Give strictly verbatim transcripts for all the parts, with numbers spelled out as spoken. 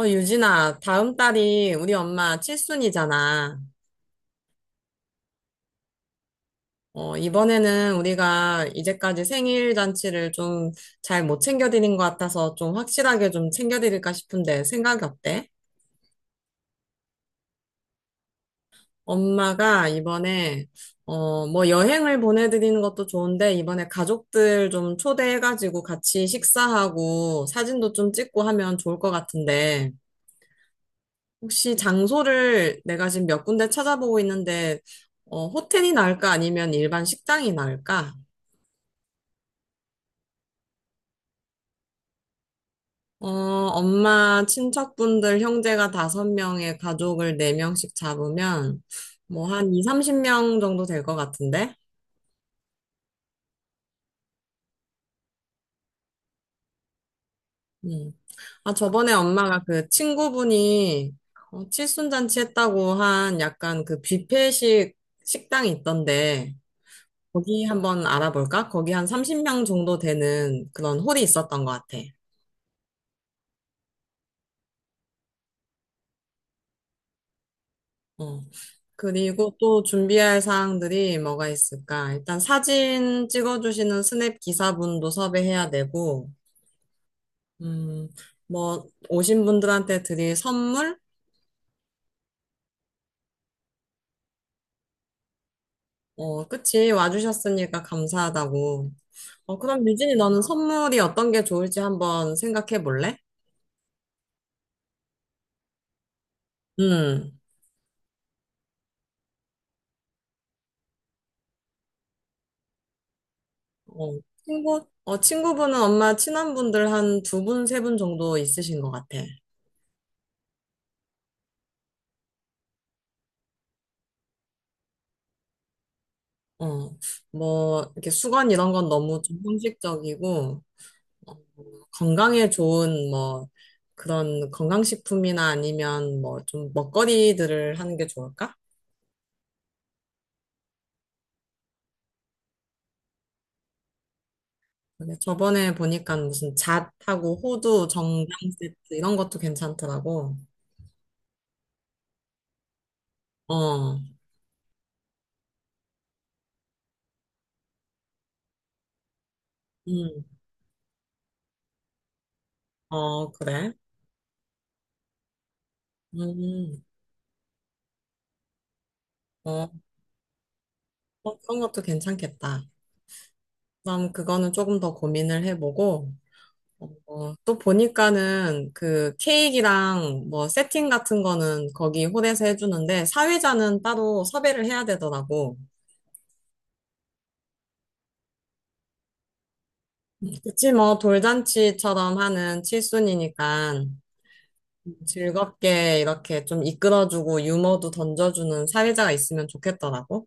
어, 유진아, 다음 달이 우리 엄마 칠순이잖아. 어, 이번에는 우리가 이제까지 생일 잔치를 좀 잘 못 챙겨드린 것 같아서 좀 확실하게 좀 챙겨드릴까 싶은데 생각이 어때? 엄마가 이번에, 어, 뭐 여행을 보내드리는 것도 좋은데 이번에 가족들 좀 초대해가지고 같이 식사하고 사진도 좀 찍고 하면 좋을 것 같은데. 혹시 장소를 내가 지금 몇 군데 찾아보고 있는데, 어, 호텔이 나을까? 아니면 일반 식당이 나을까? 어, 엄마, 친척분들, 형제가 다섯 명의 가족을 네명씩 잡으면, 뭐, 한 이, 삼십 명 정도 될 것 같은데? 음. 아, 저번에 엄마가 그 친구분이, 어, 칠순잔치 했다고 한 약간 그 뷔페식 식당이 있던데, 거기 한번 알아볼까? 거기 한 삼십 명 정도 되는 그런 홀이 있었던 것 같아. 어. 그리고 또 준비할 사항들이 뭐가 있을까? 일단 사진 찍어주시는 스냅 기사분도 섭외해야 되고, 음, 뭐, 오신 분들한테 드릴 선물? 어, 그치. 와주셨으니까 감사하다고. 어, 그럼 유진이 너는 선물이 어떤 게 좋을지 한번 생각해 볼래? 음, 어, 친구, 어, 친구분은 엄마 친한 분들 한 두 분, 세 분 정도 있으신 것 같아. 어, 뭐, 이렇게 수건 이런 건 너무 좀 형식적이고, 어, 건강에 좋은 뭐 그런 건강식품이나 아니면 뭐 좀 먹거리들을 하는 게 좋을까? 근데 저번에 보니까 무슨 잣하고 호두, 정장 세트 이런 것도 괜찮더라고. 어, 음, 어, 그래. 음, 어, 어, 그런 것도 괜찮겠다. 그럼 그거는 조금 더 고민을 해보고, 어, 또 보니까는 그 케이크랑 뭐 세팅 같은 거는 거기 홀에서 해주는데 사회자는 따로 섭외를 해야 되더라고. 그치, 뭐 돌잔치처럼 하는 칠순이니까 즐겁게 이렇게 좀 이끌어주고 유머도 던져주는 사회자가 있으면 좋겠더라고.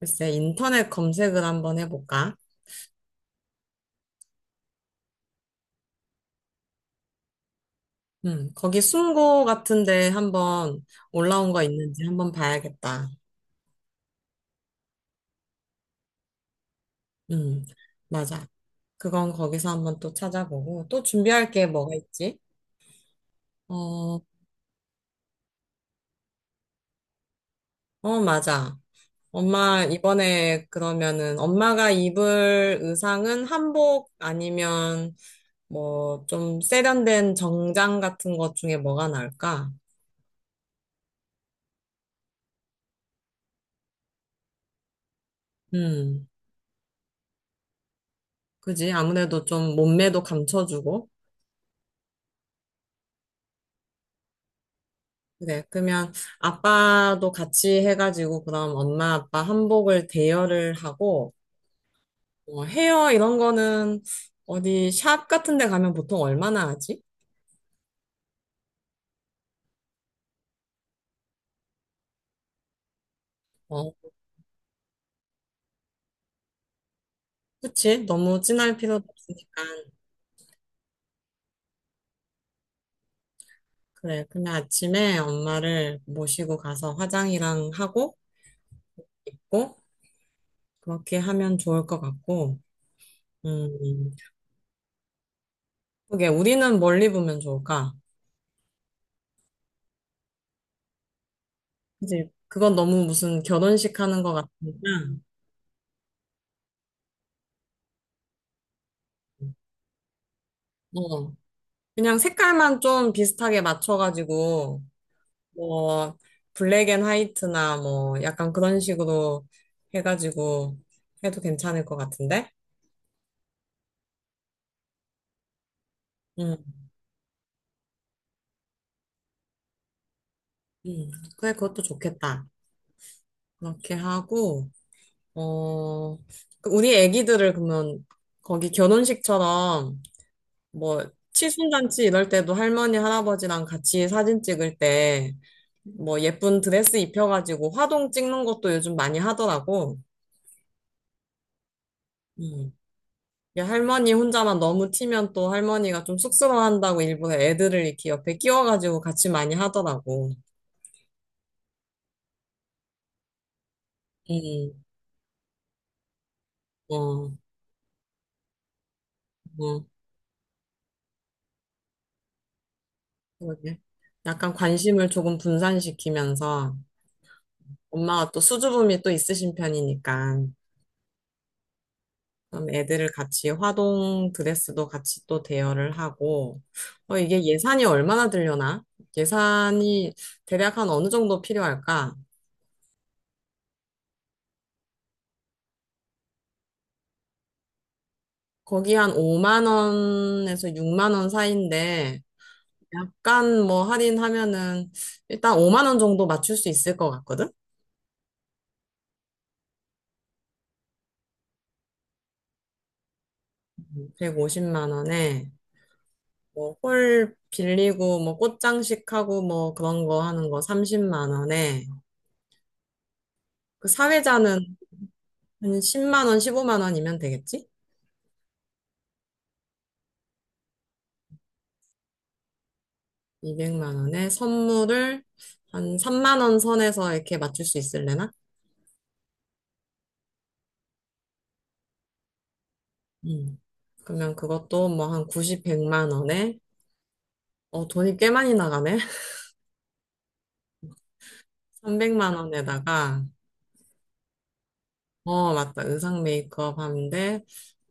글쎄, 인터넷 검색을 한번 해볼까? 음, 거기 숨고 같은데 한번 올라온 거 있는지 한번 봐야겠다. 음, 맞아. 그건 거기서 한번 또 찾아보고, 또 준비할 게 뭐가 있지? 어, 어, 맞아. 엄마, 이번에 그러면은 엄마가 입을 의상은 한복 아니면 뭐 좀 세련된 정장 같은 것 중에 뭐가 나을까? 음, 그지? 아무래도 좀 몸매도 감춰주고. 그래. 그러면 아빠도 같이 해가지고 그럼 엄마, 아빠 한복을 대여를 하고, 어, 헤어 이런 거는 어디 샵 같은 데 가면 보통 얼마나 하지? 어, 그치? 너무 진할 필요도 없으니까. 그래, 그데 아침에 엄마를 모시고 가서 화장이랑 하고 입고 그렇게 하면 좋을 것 같고. 음, 그게 우리는 뭘 입으면 좋을까? 그치? 그건 너무 무슨 결혼식 하는 것 같으니까. 어, 그냥 색깔만 좀 비슷하게 맞춰가지고 뭐 블랙 앤 화이트나 뭐 약간 그런 식으로 해가지고 해도 괜찮을 것 같은데? 응, 응. 그래, 그것도 좋겠다. 그렇게 하고, 어, 그 우리 애기들을 그러면 거기 결혼식처럼 뭐 칠순잔치 이럴 때도 할머니, 할아버지랑 같이 사진 찍을 때 뭐 예쁜 드레스 입혀가지고 화동 찍는 것도 요즘 많이 하더라고. 음. 야, 할머니 혼자만 너무 튀면 또 할머니가 좀 쑥스러워한다고 일부러 애들을 이렇게 옆에 끼워가지고 같이 많이 하더라고. 음, 어, 어, 그러게. 약간 관심을 조금 분산시키면서 엄마가 또 수줍음이 또 있으신 편이니까 그럼 애들을 같이 화동 드레스도 같이 또 대여를 하고 어, 이게 예산이 얼마나 들려나? 예산이 대략 한 어느 정도 필요할까? 거기 한 오만 원에서 육만 원 사이인데 약간 뭐 할인하면은 일단 오만 원 정도 맞출 수 있을 것 같거든? 백오십만 원에 뭐 홀 빌리고 뭐 꽃장식하고 뭐 그런 거 하는 거 삼십만 원에 그 사회자는 한 십만 원, 십오만 원이면 되겠지? 이백만 원에 선물을 한 삼만 원 선에서 이렇게 맞출 수 있을래나? 음. 그러면 그것도 뭐 한 구십, 백만 원에 어 돈이 꽤 많이 나가네. 삼백만 원에다가 어, 맞다. 의상 메이크업 하는데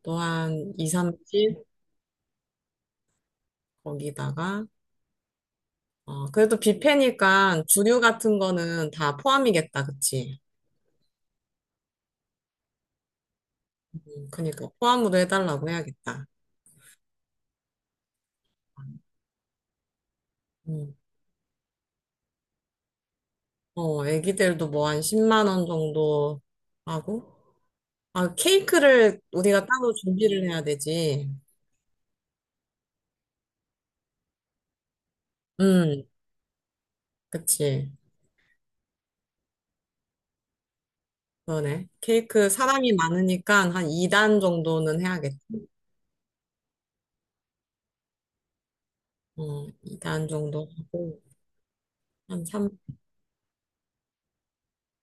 또한 이, 삼십 거기다가 어, 그래도 뷔페니까 주류 같은 거는 다 포함이겠다. 그치? 음, 그니까 포함으로 해달라고 해야겠다. 음. 어, 애기들도 뭐 한 십만 원 정도 하고 아, 케이크를 우리가 따로 준비를 해야 되지. 음, 그치. 그러네. 케이크 사람이 많으니까 한 이 단 정도는 해야겠다. 어, 이 단 정도 하고 한 삼,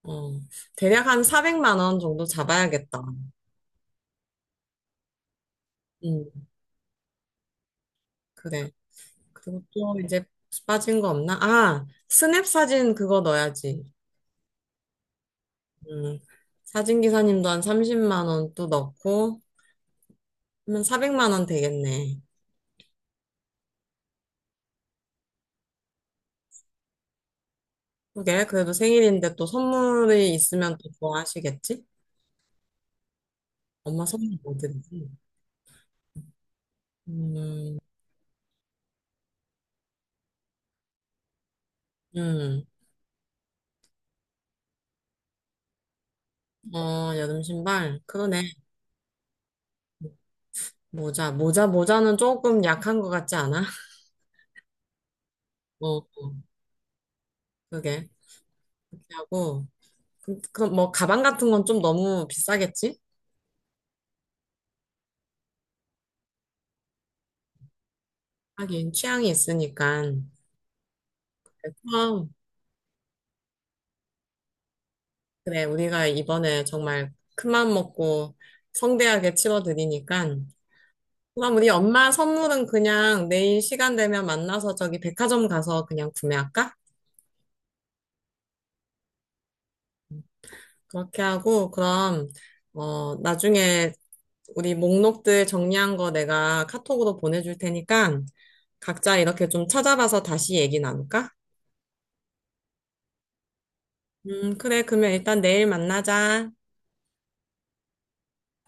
어, 대략 한 사백만 원 정도 잡아야겠다. 음, 그래. 그리고 또 이제 빠진 거 없나? 아, 스냅 사진 그거 넣어야지. 음, 사진 기사님도 한 삼십만 원 또 넣고 하면 사백만 원 되겠네. 그게 그래도 생일인데 또 선물이 있으면 또 좋아하시겠지? 엄마 선물 뭐 드리지? 음. 음. 어, 여름 신발. 그러네. 모자, 모자, 모자는 조금 약한 것 같지 않아? 어, 그게. 그렇게 하고. 그- 그럼 뭐 가방 같은 건 좀 너무 비싸겠지? 하긴 취향이 있으니까. 그럼 그래 우리가 이번에 정말 큰맘 먹고 성대하게 치러드리니까. 그럼 우리 엄마 선물은 그냥 내일 시간 되면 만나서 저기 백화점 가서 그냥 구매할까? 그렇게 하고 그럼 어 나중에 우리 목록들 정리한 거 내가 카톡으로 보내줄 테니까 각자 이렇게 좀 찾아봐서 다시 얘기 나눌까? 음, 그래. 그러면 일단 내일 만나자.